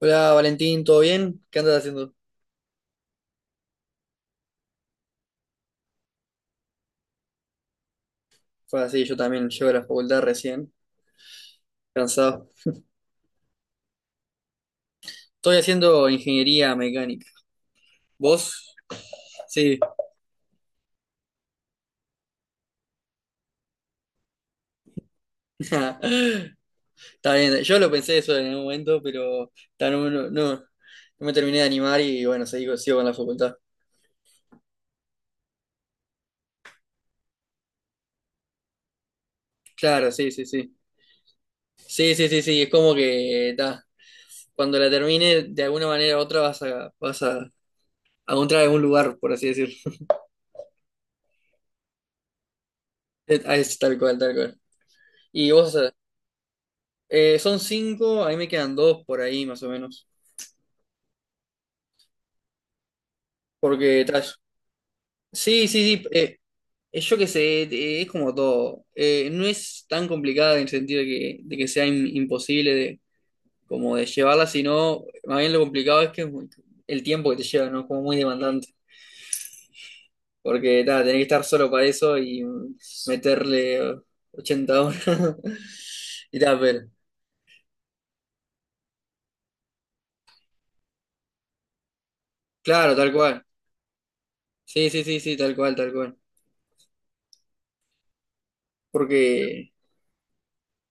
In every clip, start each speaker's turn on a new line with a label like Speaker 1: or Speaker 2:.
Speaker 1: Hola Valentín, ¿todo bien? ¿Qué andas haciendo? Fue así, yo también llego a la facultad recién, cansado. Estoy haciendo ingeniería mecánica. ¿Vos? Sí. Está bien, yo lo pensé eso en un momento, pero ta, no, no, no me terminé de animar y bueno, sigo con la facultad. Claro, sí, sí, sí. Sí, sí, sí, sí, es como que ta, cuando la termine, de alguna manera u otra vas a encontrar algún lugar, por así decirlo. Es tal cual, tal cual. ¿Y vos? Son cinco, a mí me quedan dos por ahí más o menos. Porque tras- Sí, sí, sí. Es yo que sé, es como todo. No es tan complicada en el sentido de que sea imposible de, como de llevarla, sino más bien lo complicado es que es muy- el tiempo que te lleva, ¿no? Como muy demandante. Porque ta, tenés que estar solo para eso y meterle 80 horas. Y tal, pero. Claro, tal cual. Sí, sí, sí, sí, tal cual, tal cual. Porque.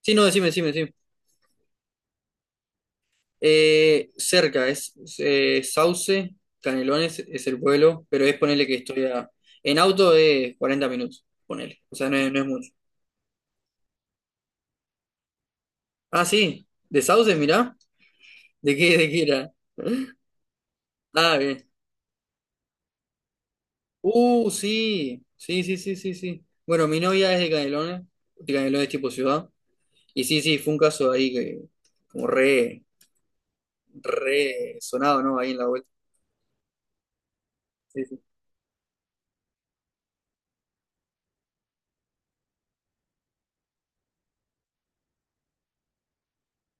Speaker 1: Sí, no, decime, decime, decime. Cerca, es Sauce, Canelones es el pueblo, pero es ponerle que estoy a... En auto es 40 minutos, ponele. O sea, no es mucho. Ah, sí, de Sauce, mirá. ¿De qué era? Ah, bien. Sí, sí, sí, sí, sí, sí. Bueno, mi novia es de Canelones tipo ciudad. Y sí, sí, fue un caso ahí que, como re sonado, ¿no? Ahí en la vuelta. Sí, sí.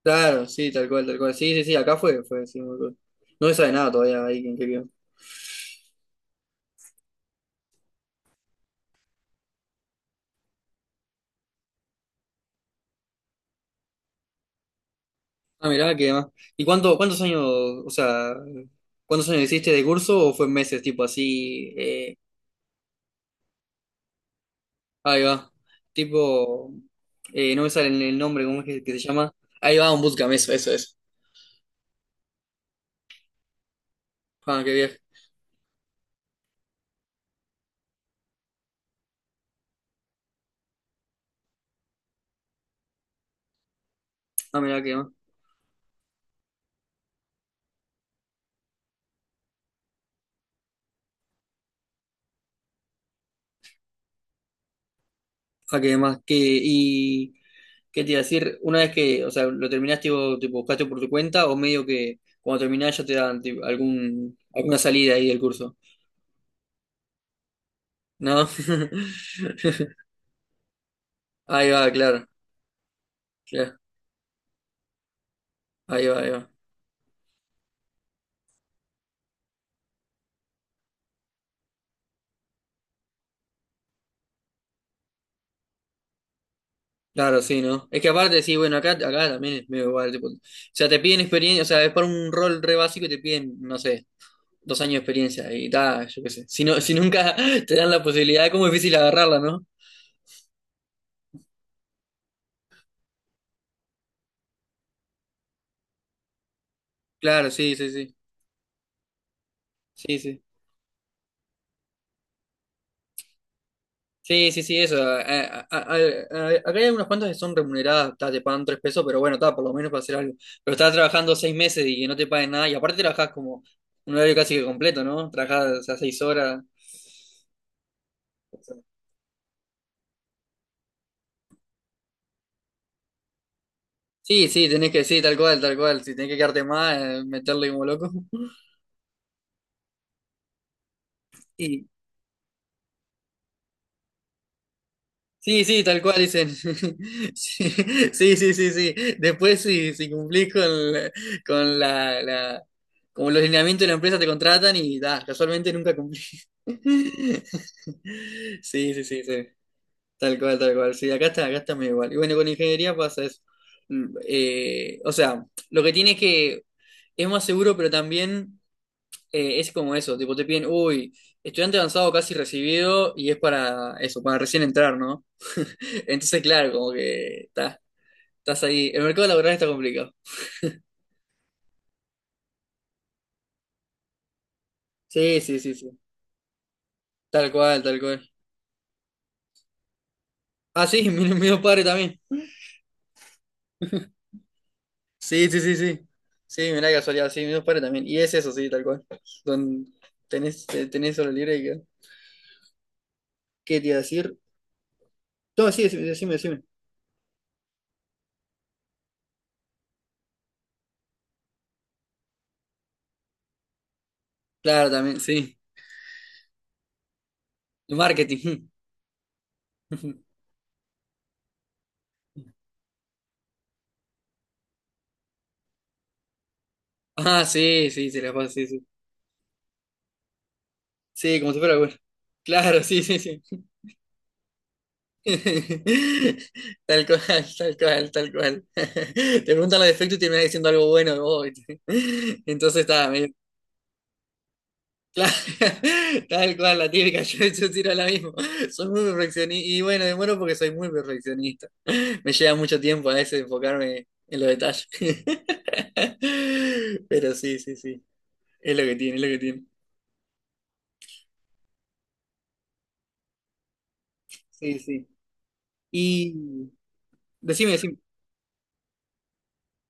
Speaker 1: Claro, sí, tal cual, tal cual. Sí, sí, sí, acá fue, sí, muy cool. No se sabe nada todavía ahí en qué quedó. Ah, mirá, qué demás. ¿Y cuántos años, o sea, cuántos años hiciste de curso o fue en meses, tipo así? Ahí va. Tipo, no me sale el nombre, ¿cómo es que se llama? Ahí va, un bootcamp, eso, eso, eso. Ah, qué viaje. Ah, mirá, qué demás. Ah, qué demás. ¿Qué te iba a decir? Una vez que, o sea, lo terminaste, tipo, buscaste por tu cuenta o medio que cuando terminás ya te dan tipo, alguna salida ahí del curso, ¿no? Ahí va, claro, claro. Ahí va, ahí va. Claro, sí, ¿no? Es que aparte, sí, bueno, acá también es medio igual, tipo, o sea, te piden experiencia, o sea, es para un rol re básico y te piden, no sé, 2 años de experiencia y tal, yo qué sé. Si no, si nunca te dan la posibilidad, es como difícil agarrarla, ¿no? Claro, sí, sí, sí, sí, sí. Sí, sí, sí, eso. Acá hay unas cuantas que son remuneradas, ta, te pagan 3 pesos, pero bueno, está, por lo menos para hacer algo. Pero estás trabajando 6 meses y que no te paguen nada, y aparte trabajas como un horario casi que completo, ¿no? Trabajas, o sea, 6 horas. Sí, sí, tenés que, sí, tal cual, tal cual. Si tenés que quedarte más, meterle como loco. Y, sí, sí, tal cual, dicen. Sí, sí, sí, sí. Sí. Después, si cumplís con como los lineamientos de la empresa, te contratan y da, casualmente nunca cumplís. Sí, sí, sí, sí. Tal cual, tal cual. Sí, acá está medio igual. Y bueno, con ingeniería pasa eso. O sea, lo que tiene es que es más seguro, pero también. Es como eso, tipo te piden, uy, estudiante avanzado casi recibido y es para eso, para recién entrar, ¿no? Entonces, claro, como que estás ahí. El mercado laboral está complicado. Sí, sí, sí, sí. Tal cual, tal cual. Ah, sí, mis dos padres también. Sí, sí, sí, sí. Sí, mirá qué casualidad, sí, mis dos padres también. Y es eso, sí, tal cual. Don, tenés hora libre y que- ¿Qué te iba a decir? No, sí, decime, decime, decime. Claro, también, sí. Marketing. Ah, sí, sí, se la pasa, sí, sí. Sí, como si fuera bueno. Claro, sí, sí, sí. Tal cual, tal cual, tal cual. Te preguntan los defectos y terminas diciendo algo bueno de vos, ¿viste? Entonces está, medio- claro, tal cual, la típica, yo tiro la misma. Soy muy perfeccionista y bueno, demoro porque soy muy perfeccionista. Me lleva mucho tiempo a veces enfocarme en los detalles. Pero sí, sí, sí. Es lo que tiene, es lo que tiene. Sí, sí. Y decime, decime.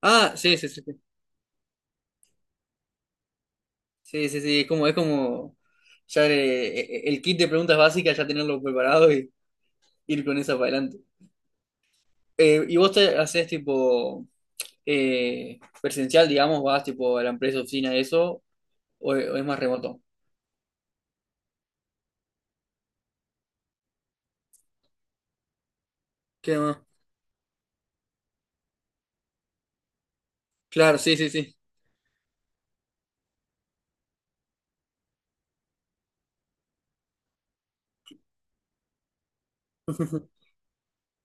Speaker 1: Ah, sí, sí, sí. Sí. Sí, sí, sí, es como ya el kit de preguntas básicas, ya tenerlo preparado y ir con esa para adelante. ¿Y vos te haces tipo presencial, digamos, vas tipo a la empresa, oficina, eso, o es más remoto? ¿Qué más? Claro, sí, sí, sí.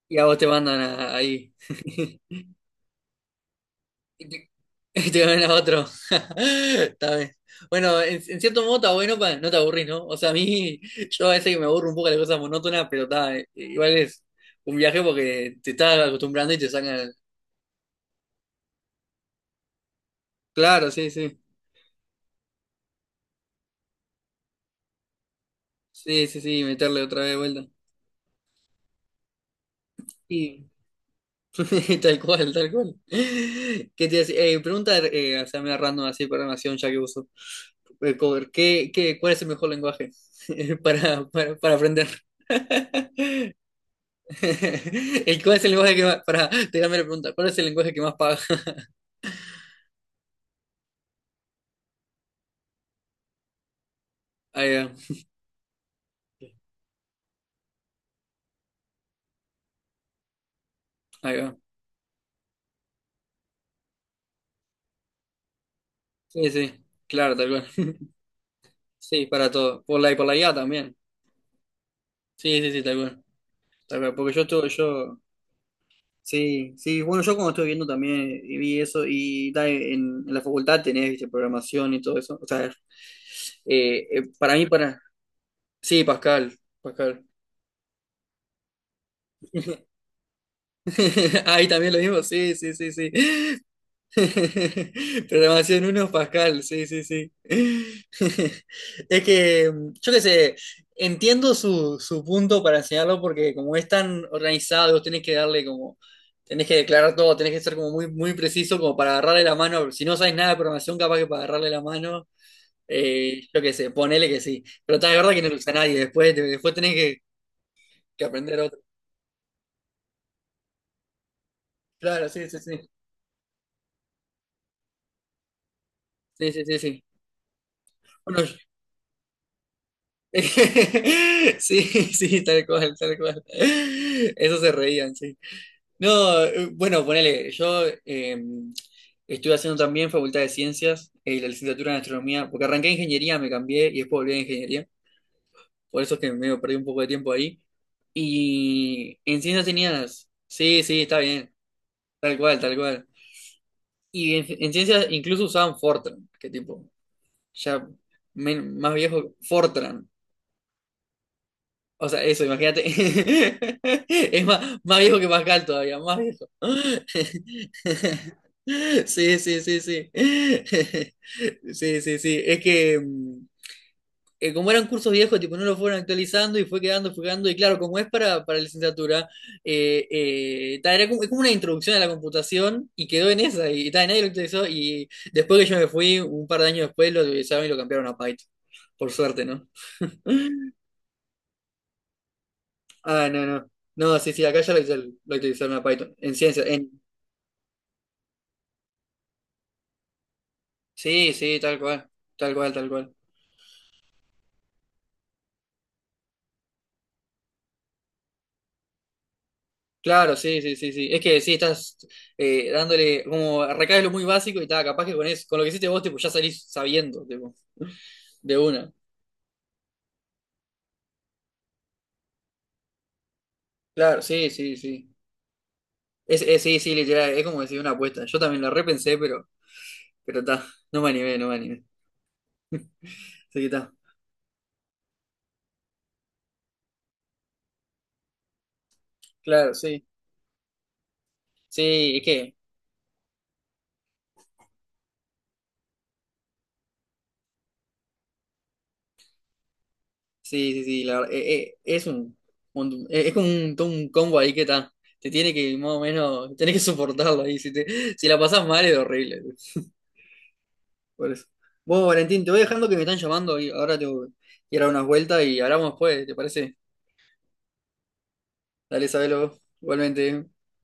Speaker 1: Y a vos te mandan ahí. Y te, y te gana otro. Está bien. Bueno, en cierto modo está bueno para no te aburrís, ¿no? O sea, a mí, yo a veces que me aburro un poco de las cosas monótonas, pero está, igual es un viaje porque te estás acostumbrando y te sacan. Claro, sí, sí. Sí, sí, sí, meterle otra vez de vuelta. Y tal cual, tal cual. ¿Qué te iba a decir? Pregunta, o sea, me random así, programación, ya que uso. Cover, ¿cuál es el mejor lenguaje para aprender? ¿Y cuál es el lenguaje que más... Para, tirarme la pregunta, ¿cuál es el lenguaje que más paga? Ahí va, ahí va. Sí, sí, claro, tal cual. Sí, para todo. Por la y por la IA también. Sí, sí, sí, tal cual. Tal cual, porque yo estuve, yo... Sí, sí, bueno, yo como estuve viendo también vi eso y da, en la facultad tenés, viste, programación y todo eso. O sea, para mí, para... Sí, Pascal, Pascal. Ahí también lo mismo, sí, sí, sí, sí. Programación 1, Pascal, sí, sí, sí. Es que, yo qué sé, entiendo su punto para enseñarlo porque como es tan organizado, tenés que darle como, tenés que declarar todo, tenés que ser como muy, muy preciso como para agarrarle la mano. Si no sabes nada de programación, capaz que para agarrarle la mano, yo qué sé, ponele que sí. Pero está de verdad que no lo usa nadie, después tenés que aprender otro. Claro, sí, sí, sí, sí, sí, sí. Sí. Bueno sí, sí, tal cual, tal cual. Eso se reían, sí. No, bueno, ponele, yo estuve haciendo también Facultad de Ciencias, la licenciatura en Astronomía, porque arranqué ingeniería, me cambié y después volví a ingeniería, por eso es que me perdí un poco de tiempo ahí. Y en ciencias tenías, sí, sí, está bien, tal cual, tal cual. Y en ciencias incluso usaban Fortran, que tipo, ya más viejo, Fortran. O sea, eso, imagínate. Es más, más viejo que Pascal todavía, más viejo. Sí, sí, sí, sí. Sí, sí, sí. Es que como eran cursos viejos, tipo, no lo fueron actualizando y fue quedando, fue quedando. Y claro, como es para licenciatura, ta, era como, es como una introducción a la computación y quedó en esa. Y ta, nadie lo actualizó. Y después que yo me fui, un par de años después, lo actualizaron y lo cambiaron a Python. Por suerte, ¿no? Ah, no, no. No, sí, sí, acá ya lo utilizaron a Python. En ciencia, en. Sí, sí, tal cual. Tal cual, tal cual. Claro, sí, sí, sí, sí. Es que sí, estás dándole, como recaes lo muy básico y tal, capaz que con eso, con lo que hiciste vos, tipo, ya salís sabiendo, tipo, de una. Claro, sí, sí, sí. Sí, sí, literal, es como decir una apuesta. Yo también lo repensé, pero está, no me animé, no me animé. Así que está. Claro, sí. Sí, es que sí, sí, sí, la verdad, es como un, todo un combo ahí que está, te tiene que, más o menos, tenés que soportarlo ahí, si la pasás mal es horrible, por eso. Vos, Valentín, te voy dejando que me están llamando y ahora tengo que ir a dar unas vueltas y hablamos después, ¿te parece? Dale, sabelo, igualmente.